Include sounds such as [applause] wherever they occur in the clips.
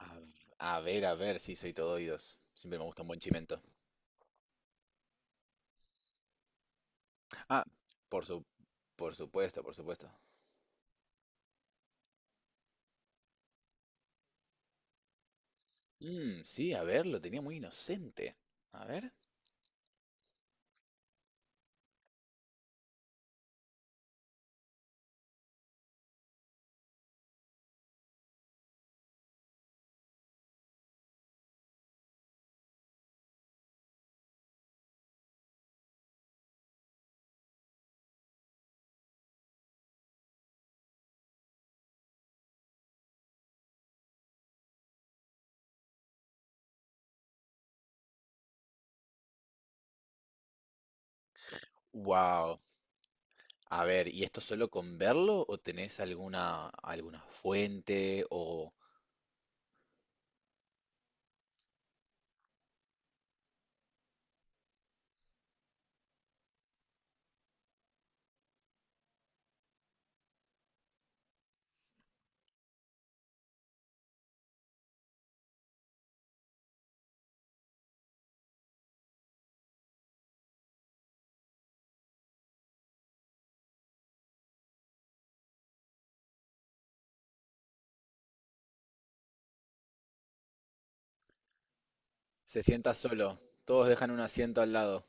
A, a ver, sí, soy todo oídos. Siempre me gusta un buen chimento. Ah, por su, por supuesto, por supuesto. Mm, sí, a ver, lo tenía muy inocente. A ver. Wow. A ver, ¿y esto solo con verlo o tenés alguna fuente o se sienta solo? Todos dejan un asiento al lado.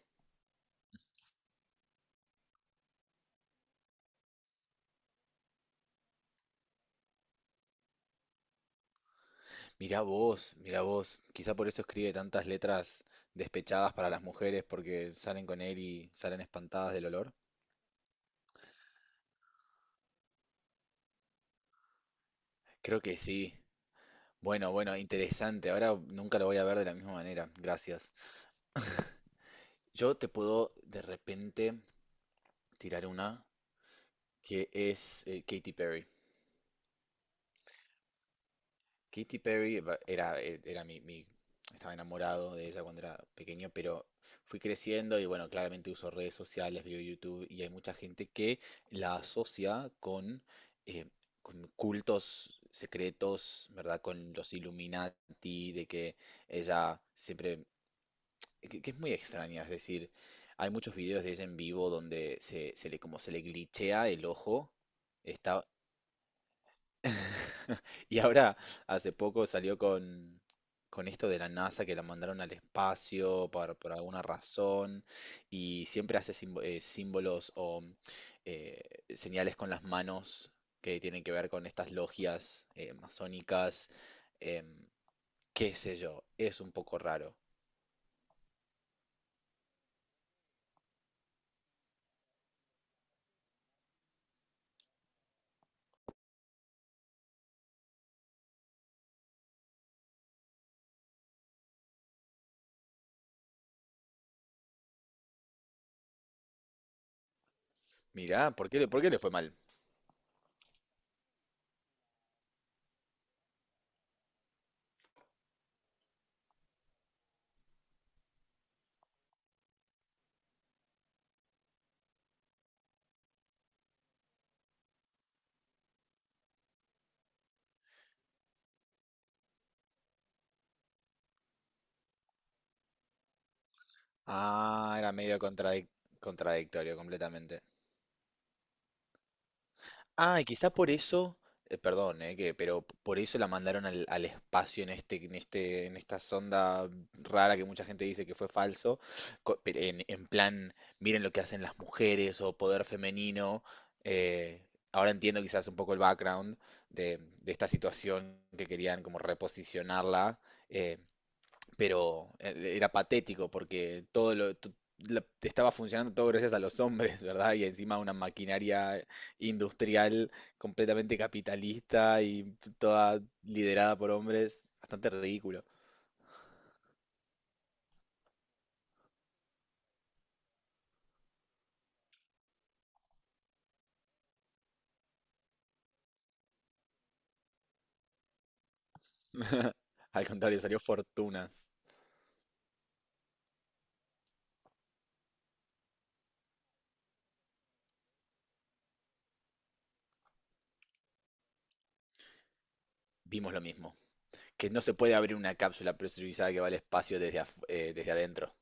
Mirá vos, mirá vos. Quizá por eso escribe tantas letras despechadas para las mujeres porque salen con él y salen espantadas del olor. Creo que sí. Bueno, bueno, interesante. Ahora nunca lo voy a ver de la misma manera. Gracias. Yo te puedo de repente tirar una que es Katy Perry. Katy Perry va- era, eh, era mi, mi- Estaba enamorado de ella cuando era pequeño, pero fui creciendo y bueno, claramente uso redes sociales, veo YouTube y hay mucha gente que la asocia eh, con cultos secretos, ¿verdad? Con los Illuminati, de que ella que es muy extraña, es decir, hay muchos videos de ella en vivo donde se le como se le glitchea el ojo. Está, [laughs] y ahora hace poco salió con esto de la NASA que la mandaron al espacio por alguna razón y siempre hace símbolos o eh, señales con las manos que tienen que ver con estas logias masónicas, em, qué sé yo, es un poco raro. Mirá, ¿por qué por qué le fue mal? Ah, era contradictorio completamente. Ah, y quizá por eso, perdón, que, pero p- Por eso la mandaron al espacio en esta sonda rara que mucha gente dice que fue falso, pero en plan, miren lo que hacen las mujeres o poder femenino. eh, Ahora entiendo quizás un poco el background de esta situación que querían como reposicionarla. eh, Era patético porque todo lo, to- la- estaba funcionando todo gracias a los hombres, ¿verdad? Y encima una maquinaria industrial completamente capitalista y toda liderada por hombres, bastante ridículo. [laughs] Al contrario, salió Fortunas. Vimos lo mismo. Que no se puede abrir una cápsula presurizada que va al espacio desde adentro.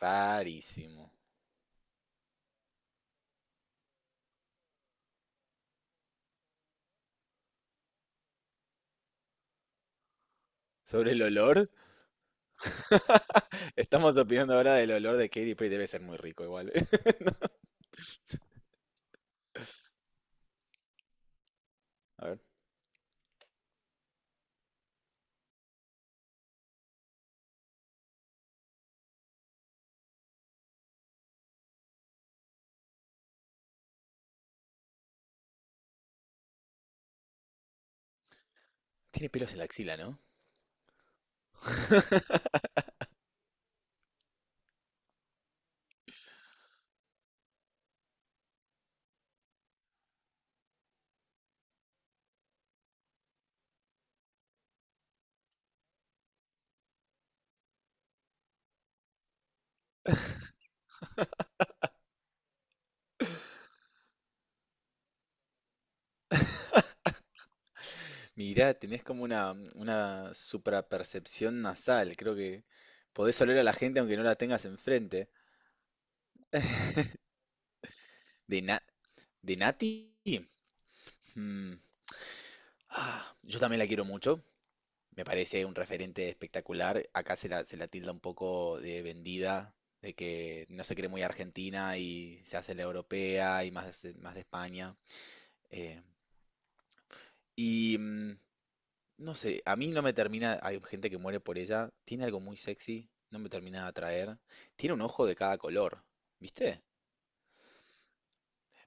Rarísimo. Sobre el olor, [laughs] estamos opinando ahora del olor de Katy Perry. Debe ser muy rico igual. [laughs] A ver. Tiene pelos en la axila, ¿no? [laughs] Mirá, tenés como una suprapercepción nasal. Creo que podés oler a la gente aunque no la tengas enfrente. De, na de Nati. Mm, ah, yo también la quiero mucho. Me parece un referente espectacular. Acá se se la tilda un poco de vendida, de que no se cree muy argentina y se hace la europea y más, más de España. Eh, y mm, No sé, a mí no me termina, hay gente que muere por ella, tiene algo muy sexy, no me termina de atraer, tiene un ojo de cada color, ¿viste?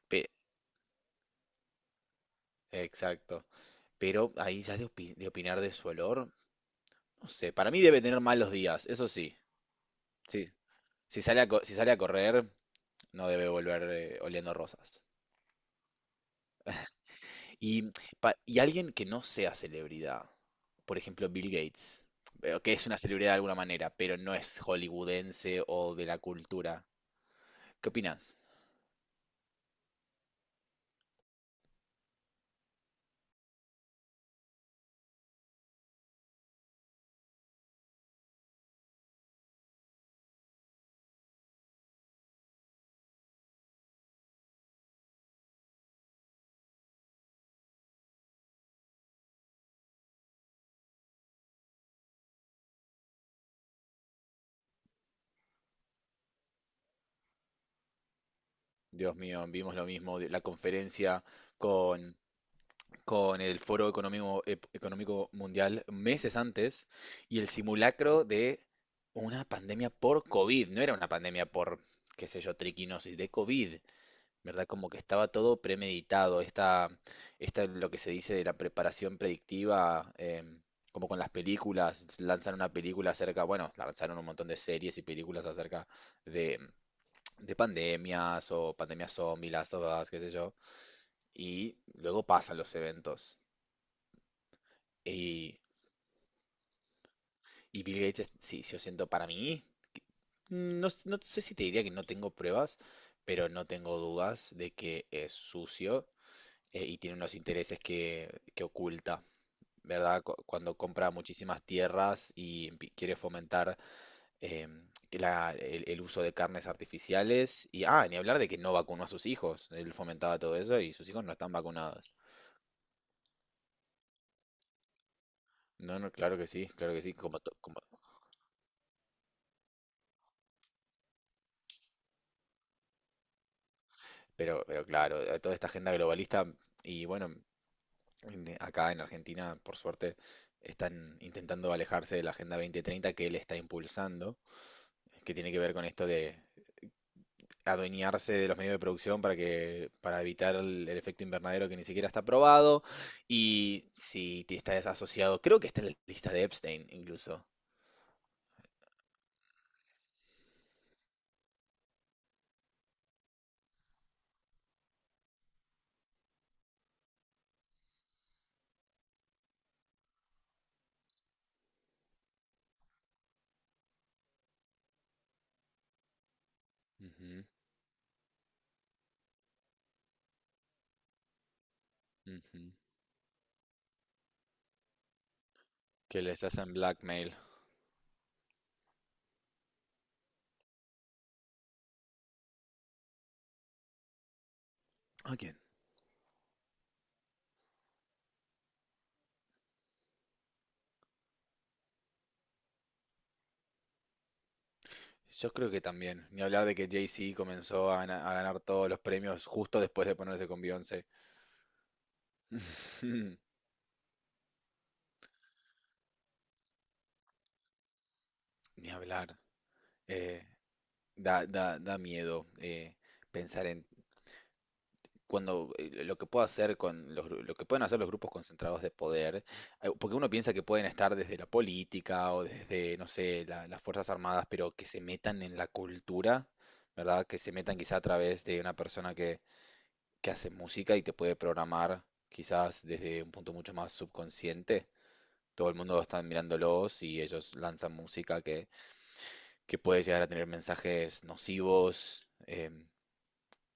Pe- exacto, pero ahí ya de opinar de su olor, no sé, para mí debe tener malos días, eso sí, sí, si sale si sale a correr, no debe volver oliendo rosas. Y, y alguien que no sea celebridad, por ejemplo Bill Gates, veo que es una celebridad de alguna manera, pero no es hollywoodense o de la cultura, ¿qué opinas? Dios mío, vimos lo mismo, de la conferencia con, con el Foro Económico, Económico Mundial meses antes y el simulacro de una pandemia por COVID, no era una pandemia por, qué sé yo, triquinosis, de COVID, ¿verdad? Como que estaba todo premeditado, esta lo que se dice de la preparación predictiva, em, como con las películas, lanzan una película acerca, bueno, lanzaron un montón de series y películas acerca de de pandemias o pandemias zombie, Last of Us, qué sé yo. Y luego pasan los eventos. Y Bill Gates, sí, yo siento para mí, no sé si te diría que no tengo pruebas, pero no tengo dudas de que es sucio y tiene unos intereses que oculta, ¿verdad? Cuando compra muchísimas tierras y quiere fomentar em, que el uso de carnes artificiales. Y, ah, ni hablar de que no vacunó a sus hijos. Él fomentaba todo eso y sus hijos no están vacunados. No, no, claro que sí, pero claro, toda esta agenda globalista y bueno, acá en Argentina, por suerte, están intentando alejarse de la Agenda 2030 que él está impulsando, que tiene que ver con esto de adueñarse de los medios de producción para que, para evitar el efecto invernadero que ni siquiera está probado y si te estás asociado, creo que está en la lista de Epstein incluso. Ujú, ujú. Que les hacen blackmail. Ok. Yo creo que también. Ni hablar de que Jay-Z comenzó a, a ganar todos los premios justo después de ponerse con Beyoncé. [laughs] Mm. Ni hablar. Eh, da da miedo pensar en cuando lo que puedo hacer con los, gru- lo que pueden hacer los grupos concentrados de poder, porque uno piensa que pueden estar desde la política o desde, no sé, las Fuerzas Armadas, pero que se metan en la cultura, ¿verdad? Que se metan quizá a través de una persona que hace música y te puede programar quizás desde un punto mucho más subconsciente. Todo el mundo está mirándolos y ellos lanzan música que puede llegar a tener mensajes nocivos em,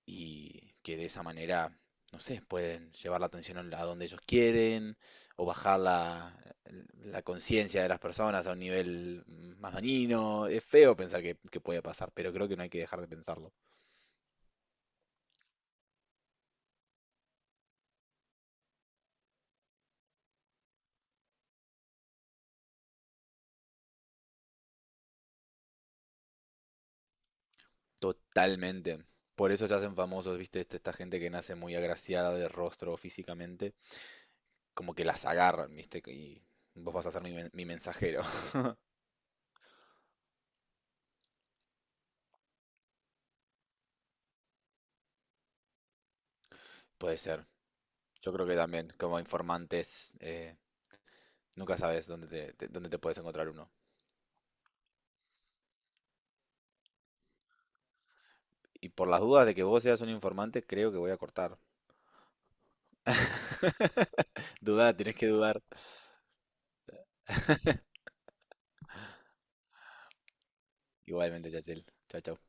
y que de esa manera, no sé, pueden llevar la atención a donde ellos quieren o bajar la conciencia de las personas a un nivel más dañino. Es feo pensar que puede pasar, pero creo que no hay que dejar de pensarlo. Totalmente. Por eso se hacen famosos, ¿viste? Esta gente que nace muy agraciada de rostro físicamente, como que las agarran, ¿viste? Y vos vas a ser mi mensajero. [laughs] Puede ser. Yo creo que también, como informantes, nunca sabes dónde te puedes encontrar uno. Y por las dudas de que vos seas un informante, creo que voy a cortar. [laughs] Dudá, tenés que dudar. Igualmente, Yachel. Chao, chao.